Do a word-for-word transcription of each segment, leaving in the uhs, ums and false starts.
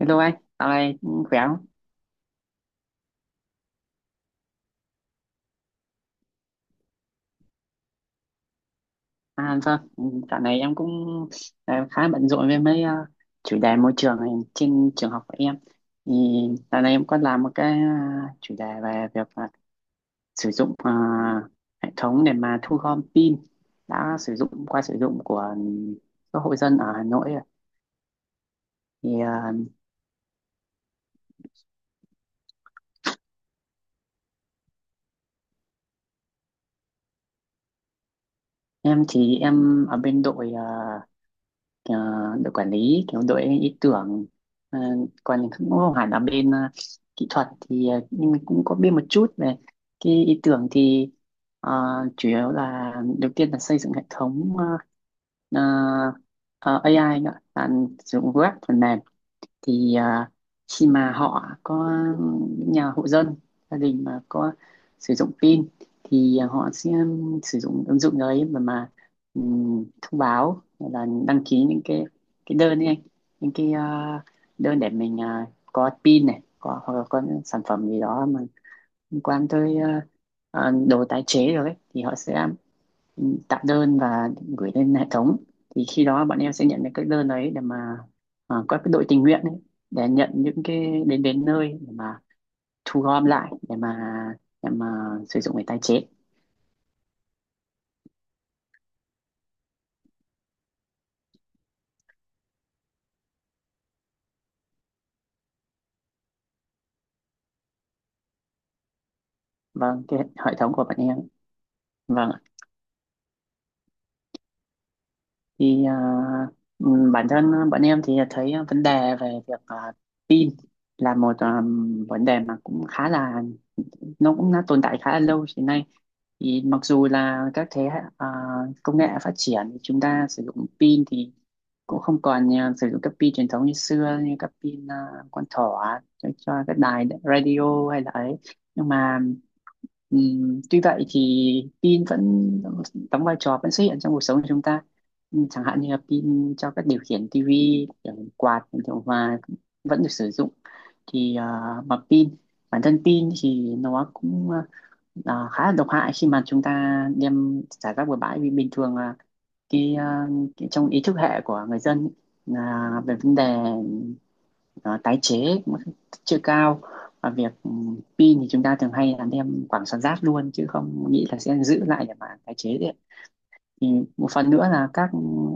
Hello anh, dạo này cũng khỏe không? À làm sao? Ừ, dạo này em cũng ờ, khá bận rộn với mấy ờ, chủ đề môi trường này trên trường học của em. Thì dạo này em có làm một cái ờ, chủ đề về việc ờ, sử dụng ờ, hệ thống để mà thu gom pin đã sử dụng qua sử dụng của các hộ dân ở Hà Nội. Thì ờ, em thì em ở bên đội ờ, ờ, đội quản lý kiểu đội ý tưởng. Ờ, Còn cũng không hẳn là bên ờ, kỹ thuật thì ờ, nhưng mình cũng có biết một chút về cái ý tưởng. Thì ờ, chủ yếu là đầu tiên là xây dựng hệ thống ờ, ờ, ờ, a i nữa, là sử dụng web phần mềm. Thì à, khi mà họ có những nhà hộ dân gia đình mà có sử dụng pin thì ờ, họ sẽ sử dụng ứng dụng đấy mà mà ừm, thông báo hay là đăng ký những cái cái đơn đi anh, những cái à, đơn để mình à, có pin này, có hoặc là có những sản phẩm gì đó mà liên quan tới à, à, đồ tái chế rồi ấy, thì họ sẽ ừ, tạo đơn và gửi lên hệ thống. Thì khi đó bọn em sẽ nhận được các đơn đấy để mà à, có cái đội tình nguyện ấy để nhận những cái đến đến nơi để mà thu gom lại để mà để mà sử dụng để tái chế. Vâng, cái hệ thống của bọn em. Vâng, thì à, ừ, bản thân bọn em thì thấy vấn đề về việc à, tin là một à, vấn đề mà cũng khá là nó cũng đã tồn tại khá là lâu hiện nay. Thì mặc dù là các thế hệ à, công nghệ phát triển thì chúng ta sử dụng pin thì cũng không còn à, sử dụng các pin truyền thống như xưa, như các pin à, con thỏ cho, cho các đài radio hay là ấy, nhưng mà ừm, tuy vậy thì pin vẫn đóng vai trò, vẫn xuất hiện trong cuộc sống của chúng ta. Ừm, chẳng hạn như là pin cho các điều khiển tivi, điều khiển quạt, điều khiển hòa vẫn được sử dụng. Thì à, mà pin, bản thân pin thì nó cũng ờ, khá là độc hại khi mà chúng ta đem xả rác bừa bãi. Vì bình thường là cái, ờ, cái trong ý thức hệ của người dân ý, là về vấn đề ờ, tái chế cũng chưa cao. Và việc ừ, pin thì chúng ta thường hay là đem quảng xả rác luôn chứ không nghĩ là sẽ giữ lại để mà tái chế đấy. Thì một phần nữa là các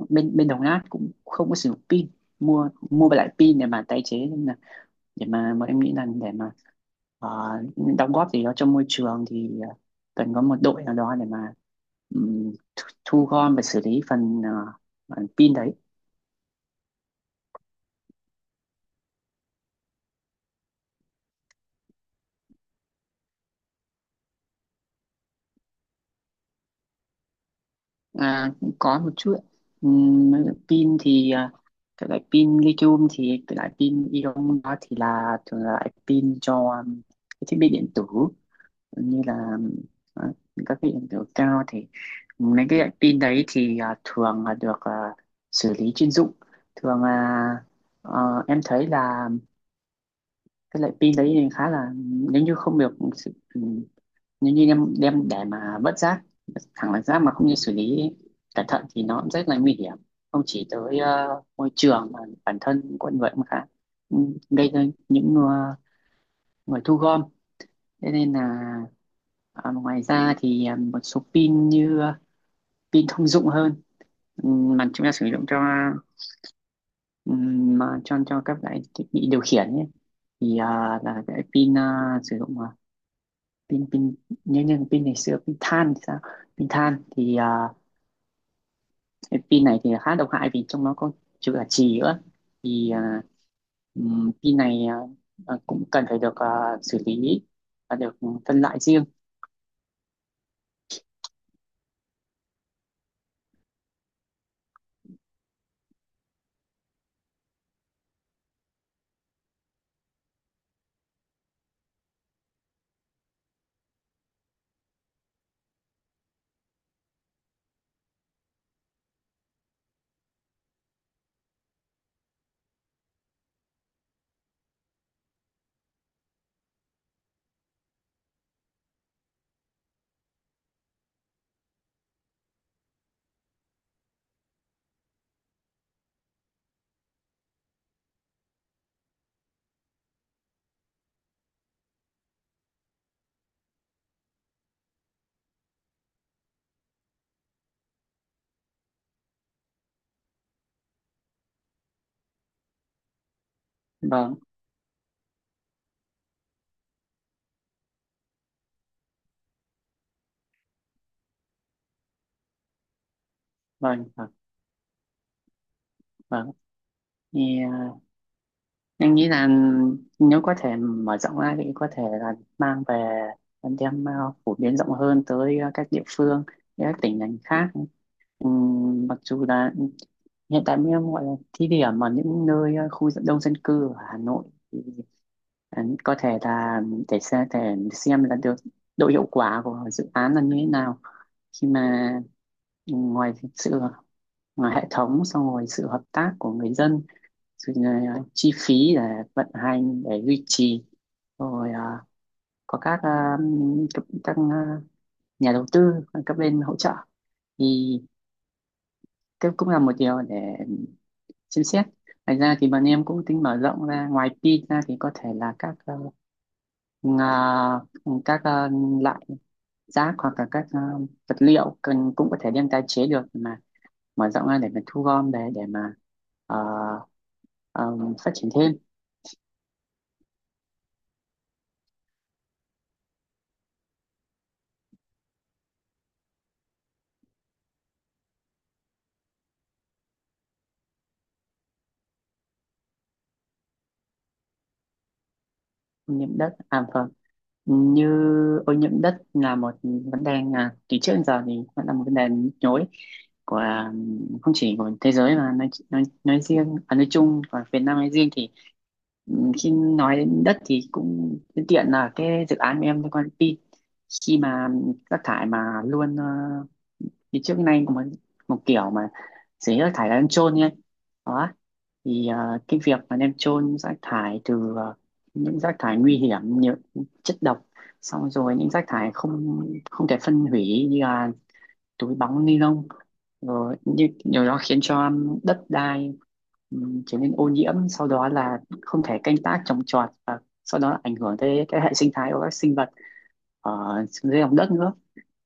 bên bên đồng nát cũng không có sử dụng pin, mua mua lại pin để mà tái chế nên là, để mà mà em nghĩ là để mà ờ, đóng góp gì đó cho môi trường thì ờ, cần có một đội nào đó để mà ừm, thu, thu gom và xử lý phần ờ, phần pin đấy. À, có một chút ạ. Ừm, pin thì ờ, cái loại pin lithium, thì cái loại pin ion đó thì là thường là loại pin cho ừm, cái thiết bị điện tử, như là ờ, các cái hiện tượng cao. Thì mấy cái loại pin đấy thì à, thường là được à, xử lý chuyên dụng. Thường là ờ, em thấy là cái loại pin đấy thì khá là, nếu như không được sự- ừ, nếu như em đem để mà vứt rác, thẳng là rác mà không như xử lý cẩn thận, thì nó cũng rất là nguy hiểm, không chỉ tới ờ, môi trường mà bản thân con người cũng khá ừ, gây ra những ờ, người thu gom. Thế nên là à, ngoài ra thì à, một số pin như à, pin thông dụng hơn, ừm, mà chúng ta sử dụng cho ừm, mà cho cho các loại thiết bị điều khiển ấy, thì à, là cái pin à, sử dụng à, pin pin như như pin ngày xưa, pin than thì sao. Pin than thì à, cái pin này thì khá độc hại vì trong nó có chứa cả chì nữa. Thì à, ừm, pin này à, à, cũng cần phải được à, xử lý và được phân loại riêng. Vâng vâng vâng vâng thì à, em nghĩ là nếu có thể mở rộng ra thì có thể là mang về, đem à, phổ biến rộng hơn tới à, các địa phương, các tỉnh thành khác. Ừm, mặc dù là hiện tại mới gọi là thí điểm ở những nơi ờ, khu dân- đông dân cư ở Hà Nội. Thì ờ, có thể là để xem để xem là được độ hiệu quả của dự án là như thế nào, khi mà ngoài sự ờ, ngoài hệ thống xong rồi sự hợp tác của người dân, sự, à, chi phí để vận hành để duy trì, rồi à, có các à, các, các à, nhà đầu tư, các bên hỗ trợ, thì cái cũng là một điều để xem xét. Ngoài ra thì bọn em cũng tính mở rộng ra ngoài pin ra thì có thể là các ờ, ngà- các ờ, loại rác hoặc là các ờ, vật liệu cần cũng có thể đem tái chế được mà, mở rộng ra để mà thu gom để để mà ờ, ờ, phát triển thêm. Ô nhiễm đất à, vâng. Như ô nhiễm đất là một vấn đề à, từ trước đến giờ thì vẫn là một vấn đề nhức nhối của à, không chỉ của thế giới mà nói nói, nói riêng à, nói chung và Việt Nam nói riêng. Thì ừ, khi nói đến đất thì cũng tiện tiện là cái dự án của em liên quan đến pin. Khi mà rác thải mà luôn ờ, thì trước nay có một một kiểu mà xử lý rác thải là ăn chôn nhé. Thì à, cái việc mà đem chôn rác thải từ à, những rác thải nguy hiểm như chất độc, xong rồi những rác thải không không thể phân hủy như là túi bóng ni lông, rồi như điều đó khiến cho đất đai ừm, trở nên ô nhiễm, sau đó là không thể canh tác trồng trọt, và sau đó là ảnh hưởng tới cái hệ sinh thái của các sinh vật ở dưới lòng đất nữa.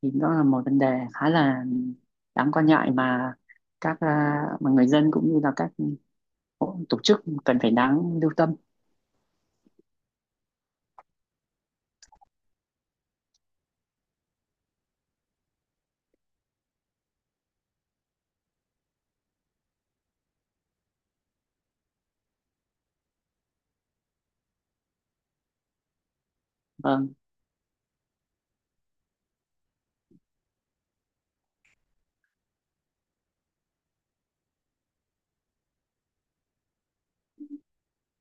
Thì đó là một vấn đề khá là đáng quan ngại mà các à, mà người dân cũng như là các Ồ, tổ chức cần phải đáng lưu tâm. Vâng,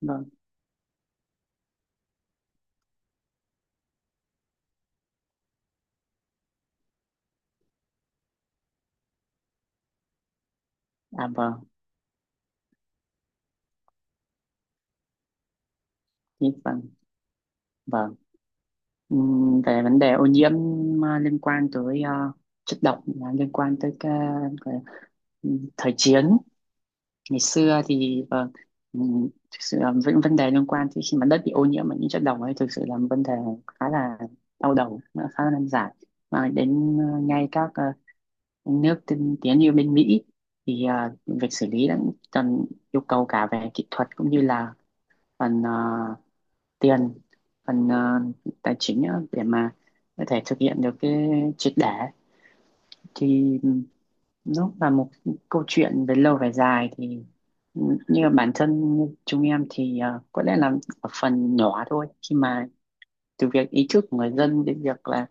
vâng. À vâng, thế vâng, vâng. Ừm, về vấn đề ô nhiễm à, liên quan tới à, chất độc à, liên quan tới cái, cái, ừm, thời chiến ngày xưa thì vâng, ừm, thực sự là những vấn đề liên quan thì khi mà đất bị ô nhiễm bởi những chất độc ấy thực sự là một vấn đề khá là đau đầu, nó khá là nan giải, mà đến à, ngay các à, nước tiên tiến như bên Mỹ thì à, việc xử lý đã cần yêu cầu cả về kỹ thuật cũng như là phần ờ, tiền, phần ờ, tài chính á, để mà có thể thực hiện được cái triệt để. Thì nó là một câu chuyện về lâu về dài. Thì ừ, như bản thân chúng em thì ờ, có lẽ là ở phần nhỏ thôi, khi mà từ việc ý thức của người dân đến việc là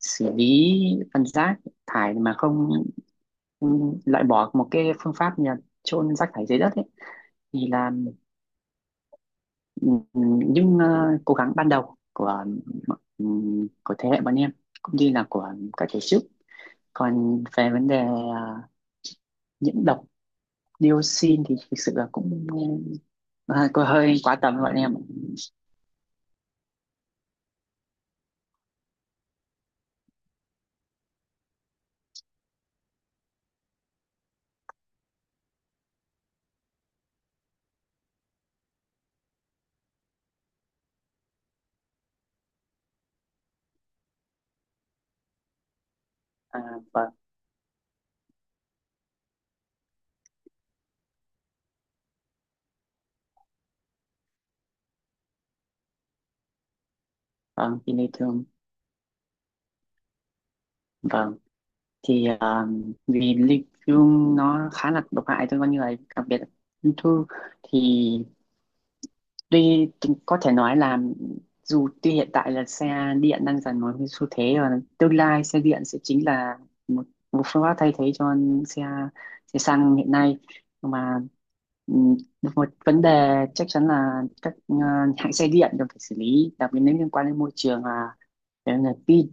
xử lý phần rác thải mà không ừ, loại bỏ một cái phương pháp như là chôn rác thải dưới đất ấy, thì là ừm, những ờ, cố gắng ban đầu của ừm, của thế hệ bọn em cũng như là của các tổ chức. Còn về vấn đề ờ, nhiễm độc dioxin thì thực sự là cũng ờ, có hơi quá tầm với bọn em. À, vâng, vâng, thì lê, vâng, thì ờ, vì ly thương nó khá là độc hại cho con người, đặc biệt là ung thư. Thì tuy có thể nói là dù tuy hiện tại là xe điện đang dần một cái xu thế, và tương lai xe điện sẽ chính là một, một phương pháp thay thế cho xe, xe xăng hiện nay. Nhưng mà ừm, một vấn đề chắc chắn là các ờ, hãng xe điện đều phải xử lý đặc biệt nếu liên quan đến môi trường, là về nguồn pin.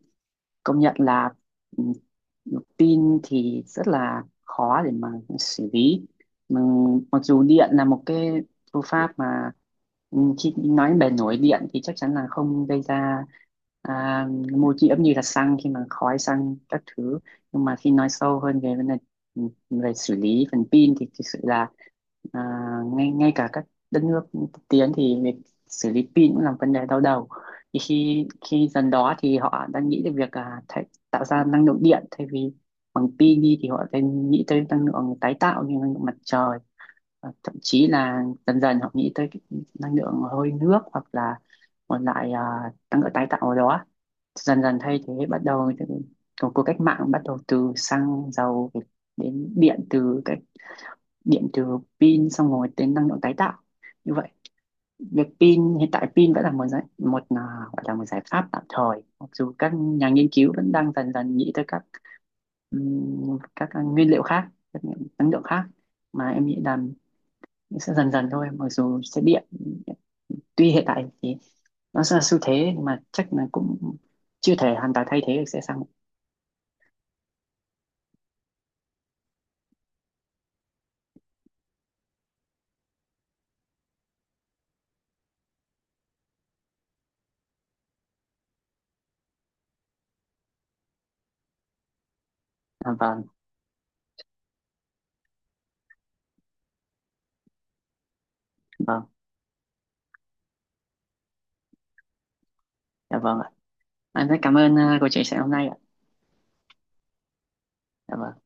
Công nhận là ừ, pin thì rất là khó để mà xử lý mà, mặc dù điện là một cái phương pháp mà ừ, khi nói bề nổi điện thì chắc chắn là không gây ra à, ô nhiễm như là xăng khi mà khói xăng các thứ, nhưng mà khi nói sâu hơn về vấn đề ừ, về xử lý phần pin thì thực sự là à, ngay ngay cả các đất nước tiên tiến thì việc xử lý pin cũng là vấn đề đau đầu. Thì khi khi dần đó thì họ đang nghĩ đến việc à, thay, tạo ra năng lượng điện thay vì bằng pin đi, thì họ đang nghĩ tới năng lượng tái tạo như năng lượng mặt trời, và thậm chí là dần dần họ nghĩ tới cái năng lượng hơi nước hoặc là một loại à, năng lượng tái tạo ở đó, dần dần thay thế, bắt đầu từ của cuộc cách mạng bắt đầu từ xăng dầu đến điện từ cái điện từ pin, xong rồi đến năng lượng tái tạo. Như vậy việc pin, hiện tại pin vẫn là một giải, một à, gọi là một giải pháp tạm thời, mặc dù các nhà nghiên cứu vẫn đang dần dần nghĩ tới các ừm, các nguyên liệu khác, các năng lượng khác, mà em nghĩ là sẽ dần dần thôi. Mặc dù xe điện tuy hiện tại thì nó sẽ là xu thế, nhưng mà chắc là cũng chưa thể hoàn toàn thay thế được xe xăng. À, vâng, vâng, dạ vâng ạ. Em rất cảm ơn ờ, cuộc chia sẻ hôm nay ạ. Dạ vâng.